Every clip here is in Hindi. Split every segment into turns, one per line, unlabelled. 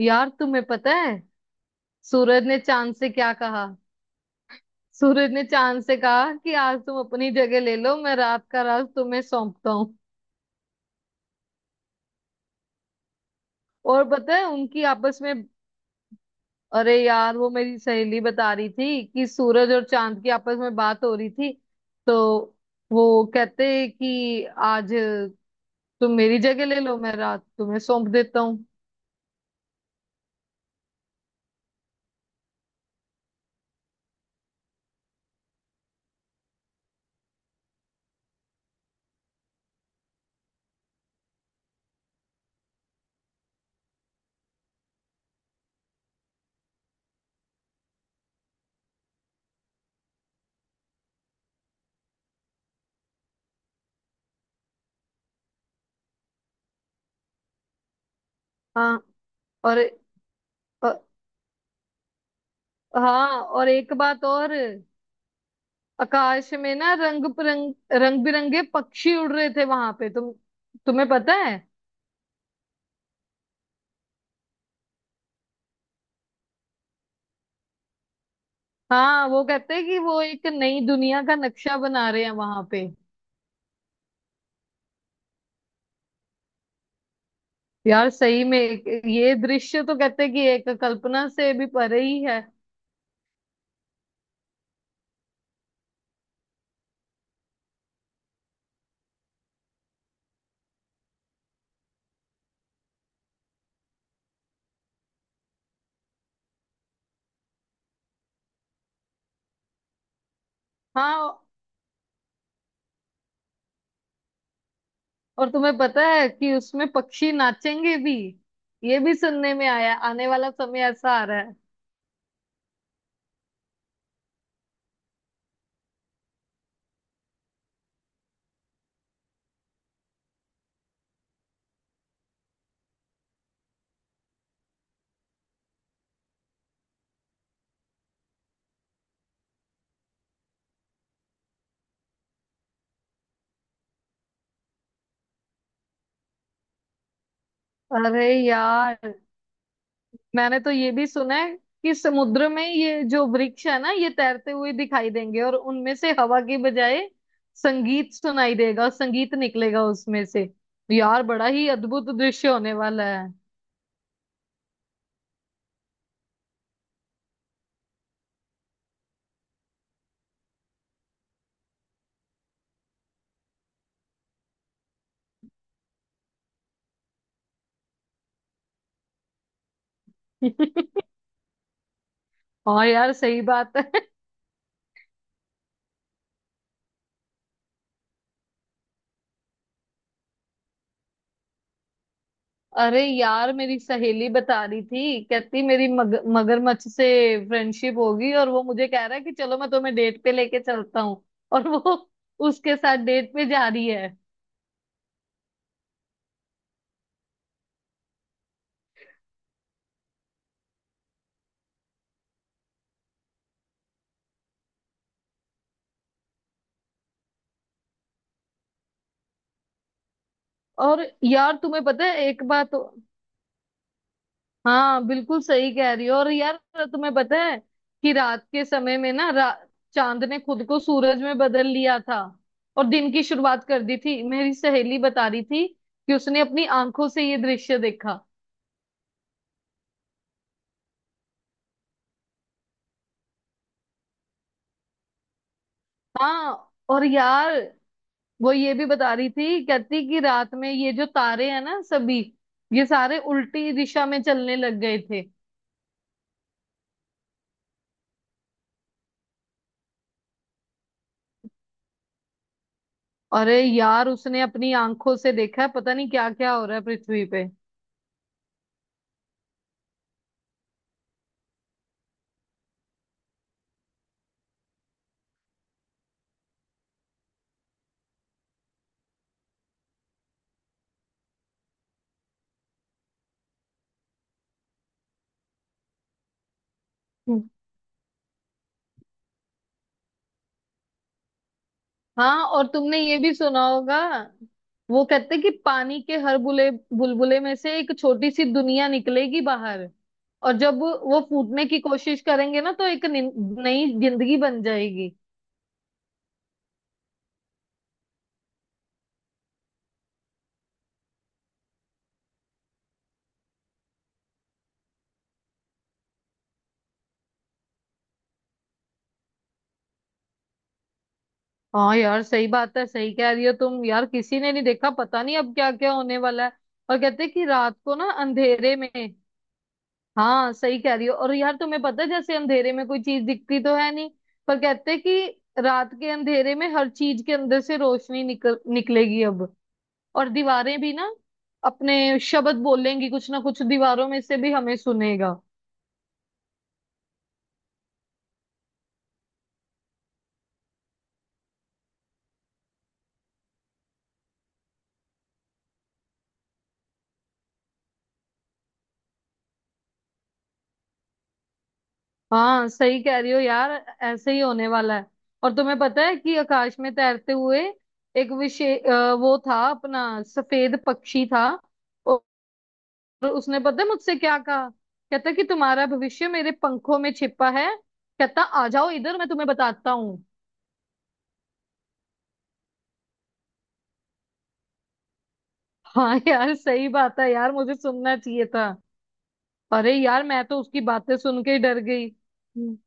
यार तुम्हें पता है सूरज ने चांद से क्या कहा? सूरज ने चांद से कहा कि आज तुम अपनी जगह ले लो, मैं रात का राज तुम्हें सौंपता हूँ। और पता है उनकी आपस में, अरे यार वो मेरी सहेली बता रही थी कि सूरज और चांद की आपस में बात हो रही थी। तो वो कहते कि आज तुम मेरी जगह ले लो, मैं रात तुम्हें सौंप देता हूँ। हाँ। और अ- हाँ, और एक बात और, आकाश में ना रंग बिरंगे पक्षी उड़ रहे थे वहां पे। तुम, तुम्हें पता है? हाँ, वो कहते हैं कि वो एक नई दुनिया का नक्शा बना रहे हैं वहां पे। यार सही में ये दृश्य तो कहते हैं कि एक कल्पना से भी परे ही है। हाँ, और तुम्हें पता है कि उसमें पक्षी नाचेंगे भी। ये भी सुनने में आया, आने वाला समय ऐसा आ रहा है। अरे यार, मैंने तो ये भी सुना है कि समुद्र में ये जो वृक्ष है ना, ये तैरते हुए दिखाई देंगे, और उनमें से हवा की बजाय संगीत सुनाई देगा, संगीत निकलेगा उसमें से। यार बड़ा ही अद्भुत दृश्य होने वाला है। हाँ यार, सही बात है। अरे यार, मेरी सहेली बता रही थी, कहती मेरी मगरमच्छ से फ्रेंडशिप होगी, और वो मुझे कह रहा है कि चलो मैं तुम्हें डेट पे लेके चलता हूँ। और वो उसके साथ डेट पे जा रही है। और यार तुम्हें पता है एक बात। हाँ, बिल्कुल सही कह रही हो। और यार, तुम्हें पता है कि रात के समय में ना चांद ने खुद को सूरज में बदल लिया था, और दिन की शुरुआत कर दी थी। मेरी सहेली बता रही थी कि उसने अपनी आंखों से ये दृश्य देखा। हाँ और यार, वो ये भी बता रही थी, कहती कि रात में ये जो तारे हैं ना सभी, ये सारे उल्टी दिशा में चलने लग गए थे। अरे यार, उसने अपनी आंखों से देखा है। पता नहीं क्या क्या हो रहा है पृथ्वी पे। हाँ, और तुमने ये भी सुना होगा, वो कहते कि पानी के हर बुले बुलबुले में से एक छोटी सी दुनिया निकलेगी बाहर। और जब वो फूटने की कोशिश करेंगे ना, तो एक नई जिंदगी बन जाएगी। हाँ यार सही बात है, सही कह रही हो तुम। यार किसी ने नहीं देखा, पता नहीं अब क्या क्या होने वाला है। और कहते कि रात को ना, अंधेरे में, हाँ सही कह रही हो। और यार तुम्हें पता है, जैसे अंधेरे में कोई चीज दिखती तो है नहीं, पर कहते हैं कि रात के अंधेरे में हर चीज के अंदर से रोशनी निकलेगी अब। और दीवारें भी ना अपने शब्द बोलेंगी, कुछ ना कुछ दीवारों में से भी हमें सुनेगा। हाँ सही कह रही हो यार, ऐसे ही होने वाला है। और तुम्हें पता है कि आकाश में तैरते हुए एक विशेष, वो था अपना सफेद पक्षी था, और उसने पता है मुझसे क्या कहा? कहता कि तुम्हारा भविष्य मेरे पंखों में छिपा है। कहता आ जाओ इधर, मैं तुम्हें बताता हूँ। हाँ यार सही बात है, यार मुझे सुनना चाहिए था। अरे यार, मैं तो उसकी बातें सुन के ही डर गई। हम्म।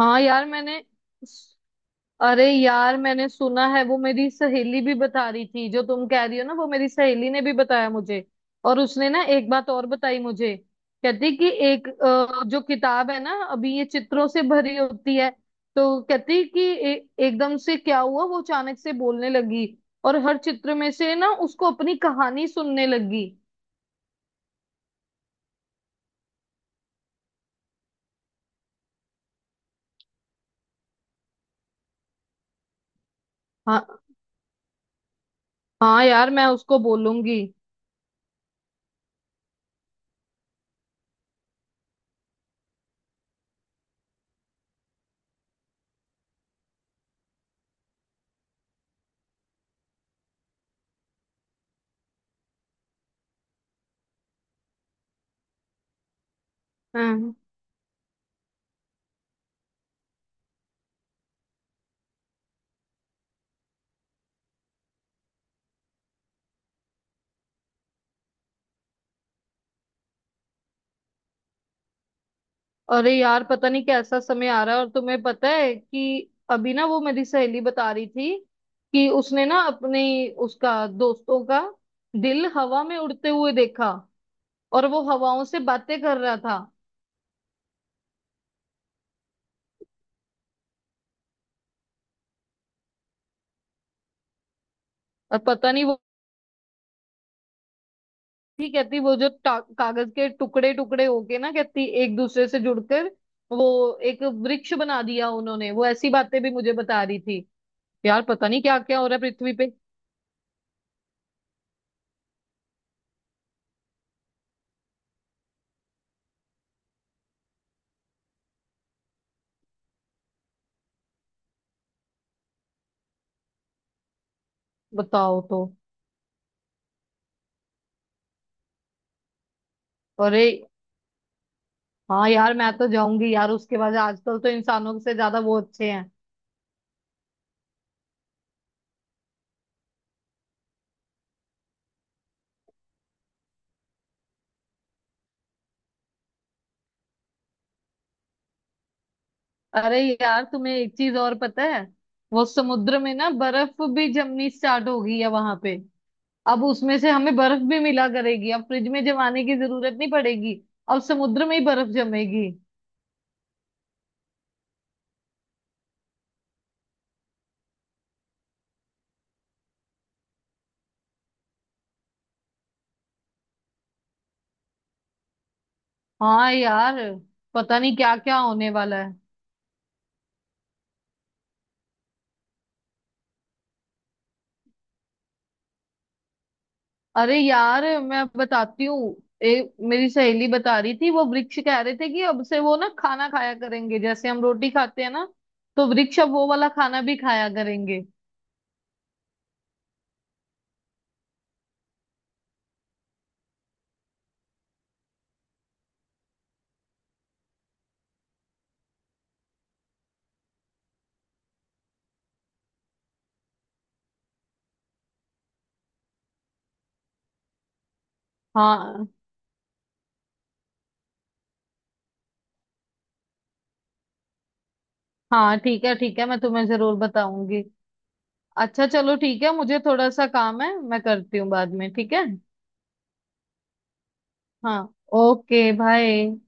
हाँ यार मैंने, अरे यार मैंने सुना है, वो मेरी सहेली भी बता रही थी। जो तुम कह रही हो ना, वो मेरी सहेली ने भी बताया मुझे। और उसने ना एक बात और बताई मुझे, कहती कि एक जो किताब है ना, अभी ये चित्रों से भरी होती है, तो कहती कि एकदम से क्या हुआ, वो अचानक से बोलने लगी, और हर चित्र में से ना उसको अपनी कहानी सुनने लगी। हाँ। हाँ यार, मैं उसको बोलूंगी। हाँ। अरे यार, पता नहीं कैसा समय आ रहा है। और तुम्हें पता है कि अभी ना वो मेरी सहेली बता रही थी कि उसने ना अपने उसका दोस्तों का दिल हवा में उड़ते हुए देखा, और वो हवाओं से बातें कर रहा था। और पता नहीं वो भी कहती, वो जो कागज के टुकड़े टुकड़े होके ना, कहती एक दूसरे से जुड़कर वो एक वृक्ष बना दिया उन्होंने। वो ऐसी बातें भी मुझे बता रही थी। यार पता नहीं क्या क्या हो रहा है पृथ्वी पे। बताओ तो। अरे, हाँ यार, मैं तो जाऊंगी यार उसके बाद। आजकल तो इंसानों से ज्यादा वो अच्छे हैं। अरे यार, तुम्हें एक चीज और पता है। वो समुद्र में ना बर्फ भी जमनी स्टार्ट हो गई है वहां पे। अब उसमें से हमें बर्फ भी मिला करेगी, अब फ्रिज में जमाने की जरूरत नहीं पड़ेगी। अब समुद्र में ही बर्फ जमेगी। हाँ यार, पता नहीं क्या क्या होने वाला है। अरे यार, मैं बताती हूँ। एक मेरी सहेली बता रही थी, वो वृक्ष कह रहे थे कि अब से वो ना खाना खाया करेंगे। जैसे हम रोटी खाते हैं ना, तो वृक्ष अब वो वाला खाना भी खाया करेंगे। हाँ। हाँ ठीक है, ठीक है, मैं तुम्हें जरूर बताऊंगी। अच्छा चलो ठीक है, मुझे थोड़ा सा काम है, मैं करती हूँ बाद में, ठीक है? हाँ ओके बाय।